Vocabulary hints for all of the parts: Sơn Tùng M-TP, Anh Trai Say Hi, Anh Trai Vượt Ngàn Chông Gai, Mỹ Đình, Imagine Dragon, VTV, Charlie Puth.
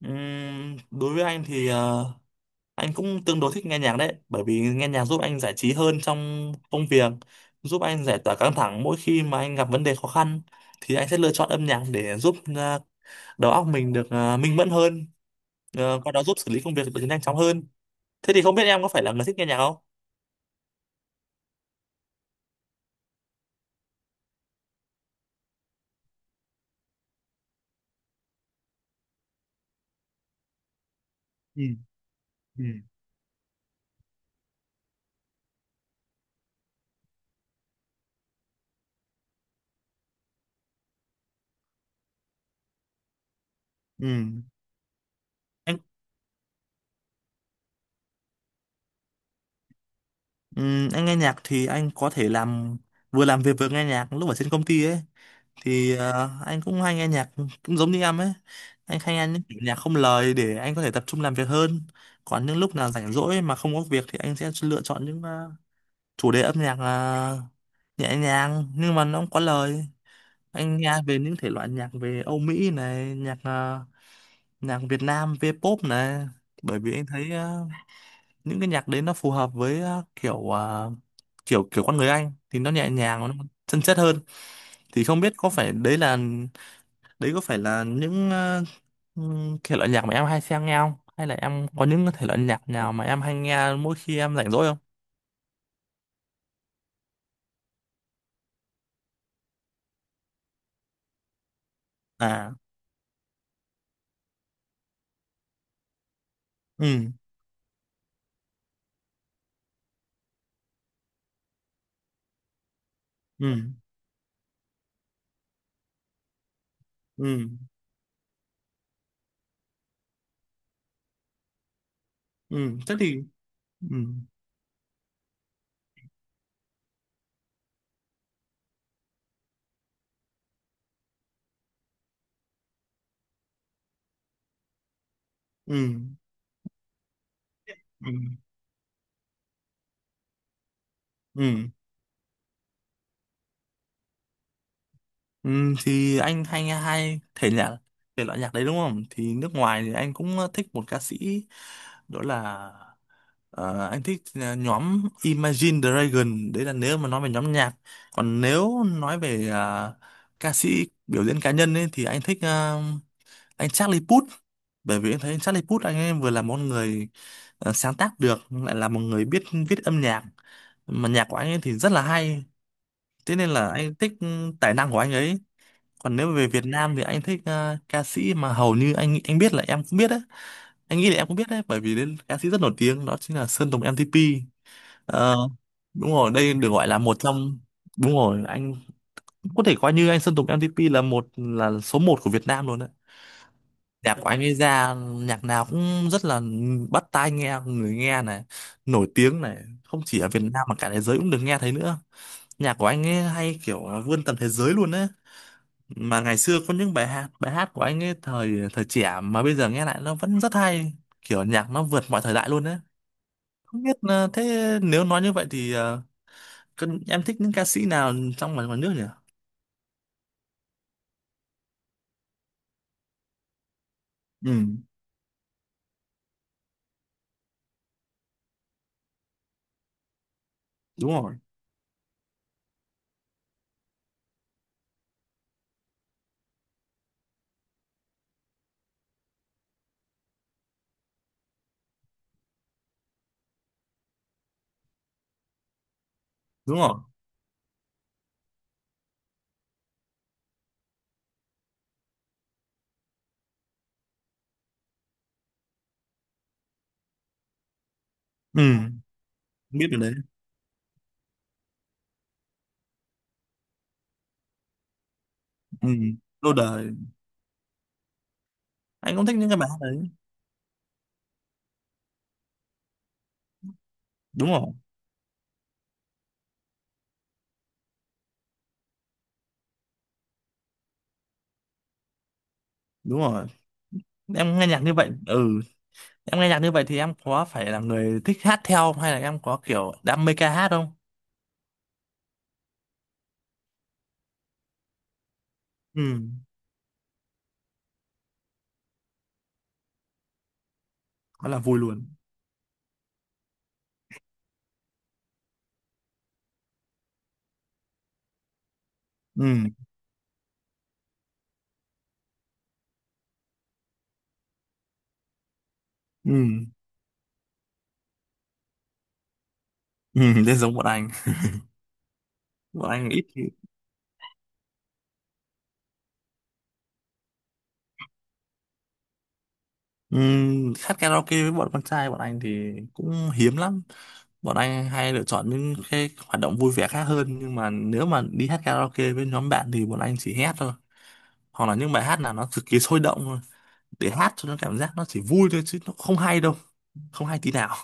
Đối với anh thì anh cũng tương đối thích nghe nhạc đấy, bởi vì nghe nhạc giúp anh giải trí hơn trong công việc, giúp anh giải tỏa căng thẳng mỗi khi mà anh gặp vấn đề khó khăn thì anh sẽ lựa chọn âm nhạc để giúp đầu óc mình được minh mẫn hơn, qua đó giúp xử lý công việc được nhanh chóng hơn. Thế thì không biết em có phải là người thích nghe nhạc không? Ừ. Ừ. Ừ. Anh, anh nghe nhạc thì anh có thể làm vừa làm việc vừa nghe nhạc lúc ở trên công ty ấy, thì anh cũng hay nghe nhạc cũng giống như em ấy, anh hay nghe những kiểu nhạc không lời để anh có thể tập trung làm việc hơn. Còn những lúc nào rảnh rỗi mà không có việc thì anh sẽ lựa chọn những chủ đề âm nhạc nhẹ nhàng nhưng mà nó không có lời. Anh nghe về những thể loại nhạc về Âu Mỹ này, nhạc Việt Nam V-pop này, bởi vì anh thấy những cái nhạc đấy nó phù hợp với kiểu ờ, kiểu kiểu con người anh thì nó nhẹ nhàng, nó chân chất hơn. Thì không biết có phải đấy là Đấy có phải là những thể loại nhạc mà em hay xem nghe không? Hay là em có những thể loại nhạc nào mà em hay nghe mỗi khi em rảnh rỗi không? À, ừ, ừ, ừ, ừ, thế thì, ừ, ừ, ừ, ừ, ừ, thì anh hay nghe hai thể loại nhạc đấy đúng không? Thì nước ngoài thì anh cũng thích một ca sĩ, đó là Ờ, anh thích à, nhóm Imagine Dragon, đấy là nếu mà nói về nhóm nhạc. Còn nếu nói về ca sĩ biểu diễn cá nhân ấy, thì anh thích anh Charlie Puth, bởi vì em thấy Charlie Puth anh ấy vừa là một người sáng tác được, lại là một người biết viết âm nhạc, mà nhạc của anh ấy thì rất là hay, thế nên là anh thích tài năng của anh ấy. Còn nếu về Việt Nam thì anh thích ca sĩ mà hầu như anh biết là em cũng biết đấy, anh nghĩ là em cũng biết đấy bởi vì đến ca sĩ rất nổi tiếng đó chính là Sơn Tùng M-TP. Ờ, Đúng rồi, đây được gọi là một trong, đúng rồi, anh có thể coi như anh Sơn Tùng MTP là số một của Việt Nam luôn đấy. Nhạc của anh ấy ra nhạc nào cũng rất là bắt tai, nghe người nghe này, nổi tiếng này, không chỉ ở Việt Nam mà cả thế giới cũng được nghe thấy nữa. Nhạc của anh ấy hay kiểu là vươn tầm thế giới luôn đấy, mà ngày xưa có những bài hát của anh ấy thời thời trẻ mà bây giờ nghe lại nó vẫn rất hay, kiểu nhạc nó vượt mọi thời đại luôn đấy. Không biết thế nếu nói như vậy thì còn em thích những ca sĩ nào trong và ngoài nước nhỉ? Ừ. Đúng rồi. Đúng rồi, ừ, biết điều đấy. Ừ, lâu đời. Anh cũng thích những cái bài hát đấy. Đúng rồi. Đúng rồi. Em nghe nhạc như vậy, ừ, em nghe nhạc như vậy thì em có phải là người thích hát theo không? Hay là em có kiểu đam mê ca hát không? Ừ, quá là vui luôn. Ừ, ừ, ừ. Nên giống bọn anh ít khi. Hát karaoke với bọn con trai bọn anh thì cũng hiếm lắm, bọn anh hay lựa chọn những cái hoạt động vui vẻ khác hơn, nhưng mà nếu mà đi hát karaoke với nhóm bạn thì bọn anh chỉ hét thôi, hoặc là những bài hát nào nó cực kỳ sôi động thôi, để hát cho nó cảm giác nó chỉ vui thôi chứ nó không hay đâu, không hay tí nào.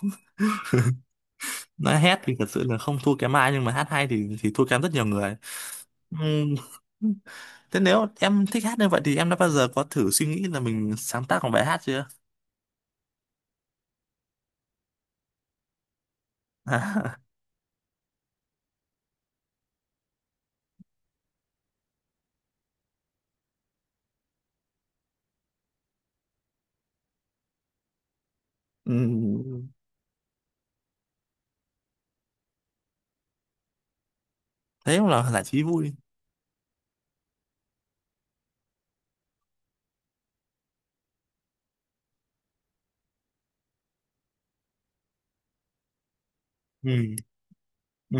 Nói hét thì thật sự là không thua kém ai nhưng mà hát hay thì thua kém rất nhiều người. Ừm, Thế nếu em thích hát như vậy thì em đã bao giờ có thử suy nghĩ là mình sáng tác một bài hát chưa? Ừm, Thế cũng là giải trí vui. Ừ, ừ,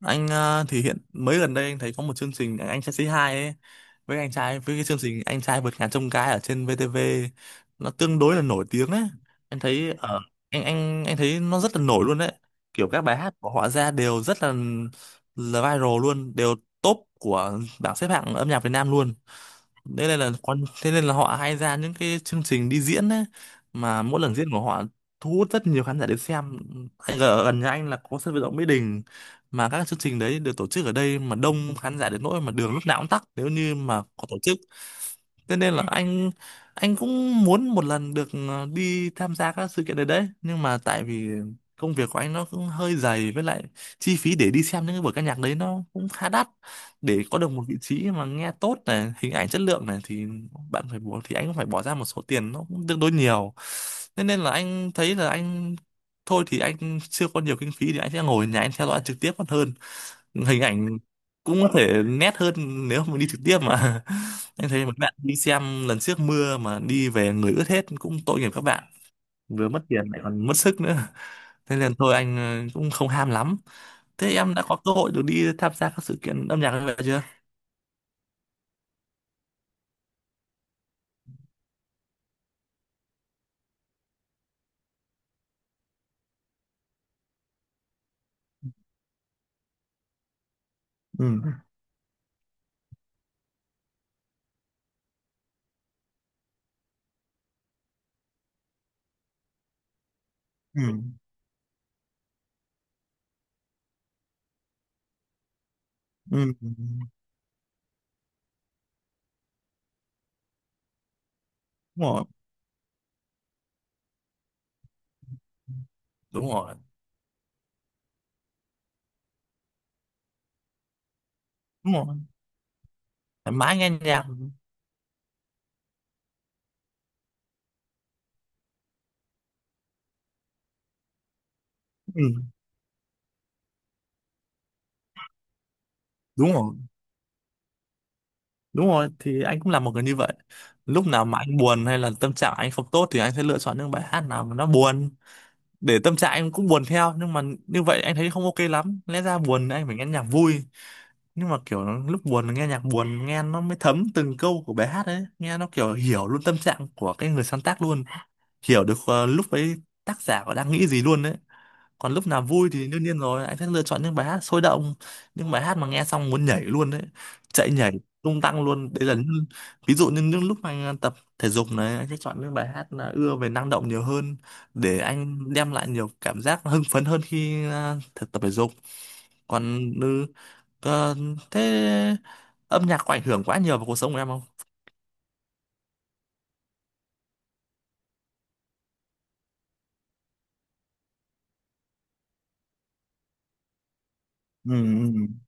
anh thì hiện mới gần đây anh thấy có một chương trình anh trai Say Hi ấy, với cái chương trình anh trai vượt ngàn chông gai ở trên VTV, nó tương đối là nổi tiếng ấy. Em thấy ở anh anh anh thấy nó rất là nổi luôn đấy, kiểu các bài hát của họ ra đều rất là viral luôn, đều top của bảng xếp hạng âm nhạc Việt Nam luôn, thế nên là họ hay ra những cái chương trình đi diễn ấy, mà mỗi lần diễn của họ thu hút rất nhiều khán giả đến xem. Anh ở gần nhà anh là có sân vận động Mỹ Đình, mà các chương trình đấy được tổ chức ở đây mà đông khán giả đến nỗi mà đường lúc nào cũng tắc nếu như mà có tổ chức, thế nên là anh cũng muốn một lần được đi tham gia các sự kiện đấy đấy, nhưng mà tại vì công việc của anh nó cũng hơi dày, với lại chi phí để đi xem những cái buổi ca nhạc đấy nó cũng khá đắt, để có được một vị trí mà nghe tốt này, hình ảnh chất lượng này thì bạn phải bỏ thì anh cũng phải bỏ ra một số tiền nó cũng tương đối nhiều, nên nên là anh thấy là anh thôi thì anh chưa có nhiều kinh phí thì anh sẽ ngồi ở nhà anh theo dõi trực tiếp còn hơn, hình ảnh cũng có thể nét hơn, nếu mà đi trực tiếp mà anh thấy một bạn đi xem lần trước mưa mà đi về người ướt hết cũng tội nghiệp các bạn, vừa mất tiền lại còn mất sức nữa, thế nên thôi anh cũng không ham lắm. Thế em đã có cơ hội được đi tham gia các sự kiện âm nhạc như vậy chưa? Ừ. Ừ. Ừ. Ừ. Đúng rồi. Đúng rồi. Đúng rồi. Thoải mái ngang nhau. Ừ. Đúng rồi. Đúng rồi, thì anh cũng là một người như vậy, lúc nào mà anh buồn hay là tâm trạng anh không tốt thì anh sẽ lựa chọn những bài hát nào mà nó buồn, để tâm trạng anh cũng buồn theo, nhưng mà như vậy anh thấy không ok lắm, lẽ ra buồn anh phải nghe nhạc vui, nhưng mà kiểu lúc buồn nghe nhạc buồn nghe nó mới thấm từng câu của bài hát ấy, nghe nó kiểu hiểu luôn tâm trạng của cái người sáng tác luôn, hiểu được lúc ấy tác giả có đang nghĩ gì luôn đấy. Còn lúc nào vui thì đương nhiên rồi anh sẽ lựa chọn những bài hát sôi động, những bài hát mà nghe xong muốn nhảy luôn đấy, chạy nhảy tung tăng luôn, đấy là những, ví dụ như những lúc mà anh tập thể dục này anh sẽ chọn những bài hát là ưa về năng động nhiều hơn, để anh đem lại nhiều cảm giác hưng phấn hơn khi thực tập thể dục. Còn ờ, thế âm nhạc có ảnh hưởng quá nhiều vào cuộc sống của em không? Ừ,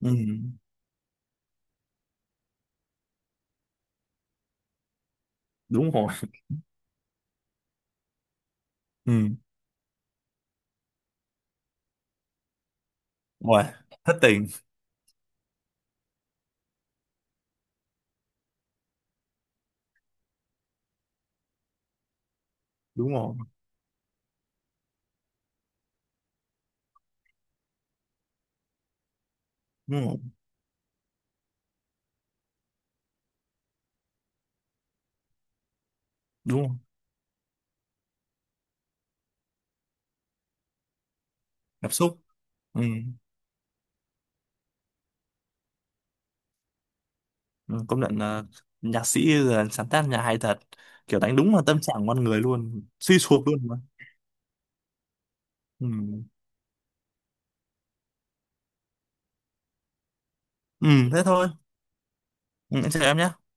ừ, ừ, đúng rồi. Ừ, rồi, thất tình. Đúng rồi. Đúng rồi. Đúng rồi, cảm xúc. Ừ. Ừ, công nhận là nhạc sĩ là sáng tác nhà hay thật, kiểu đánh đúng vào tâm trạng con người luôn, suy sụp luôn mà. Ừ. Ừ, thế thôi. Ừ, em chào em nhé.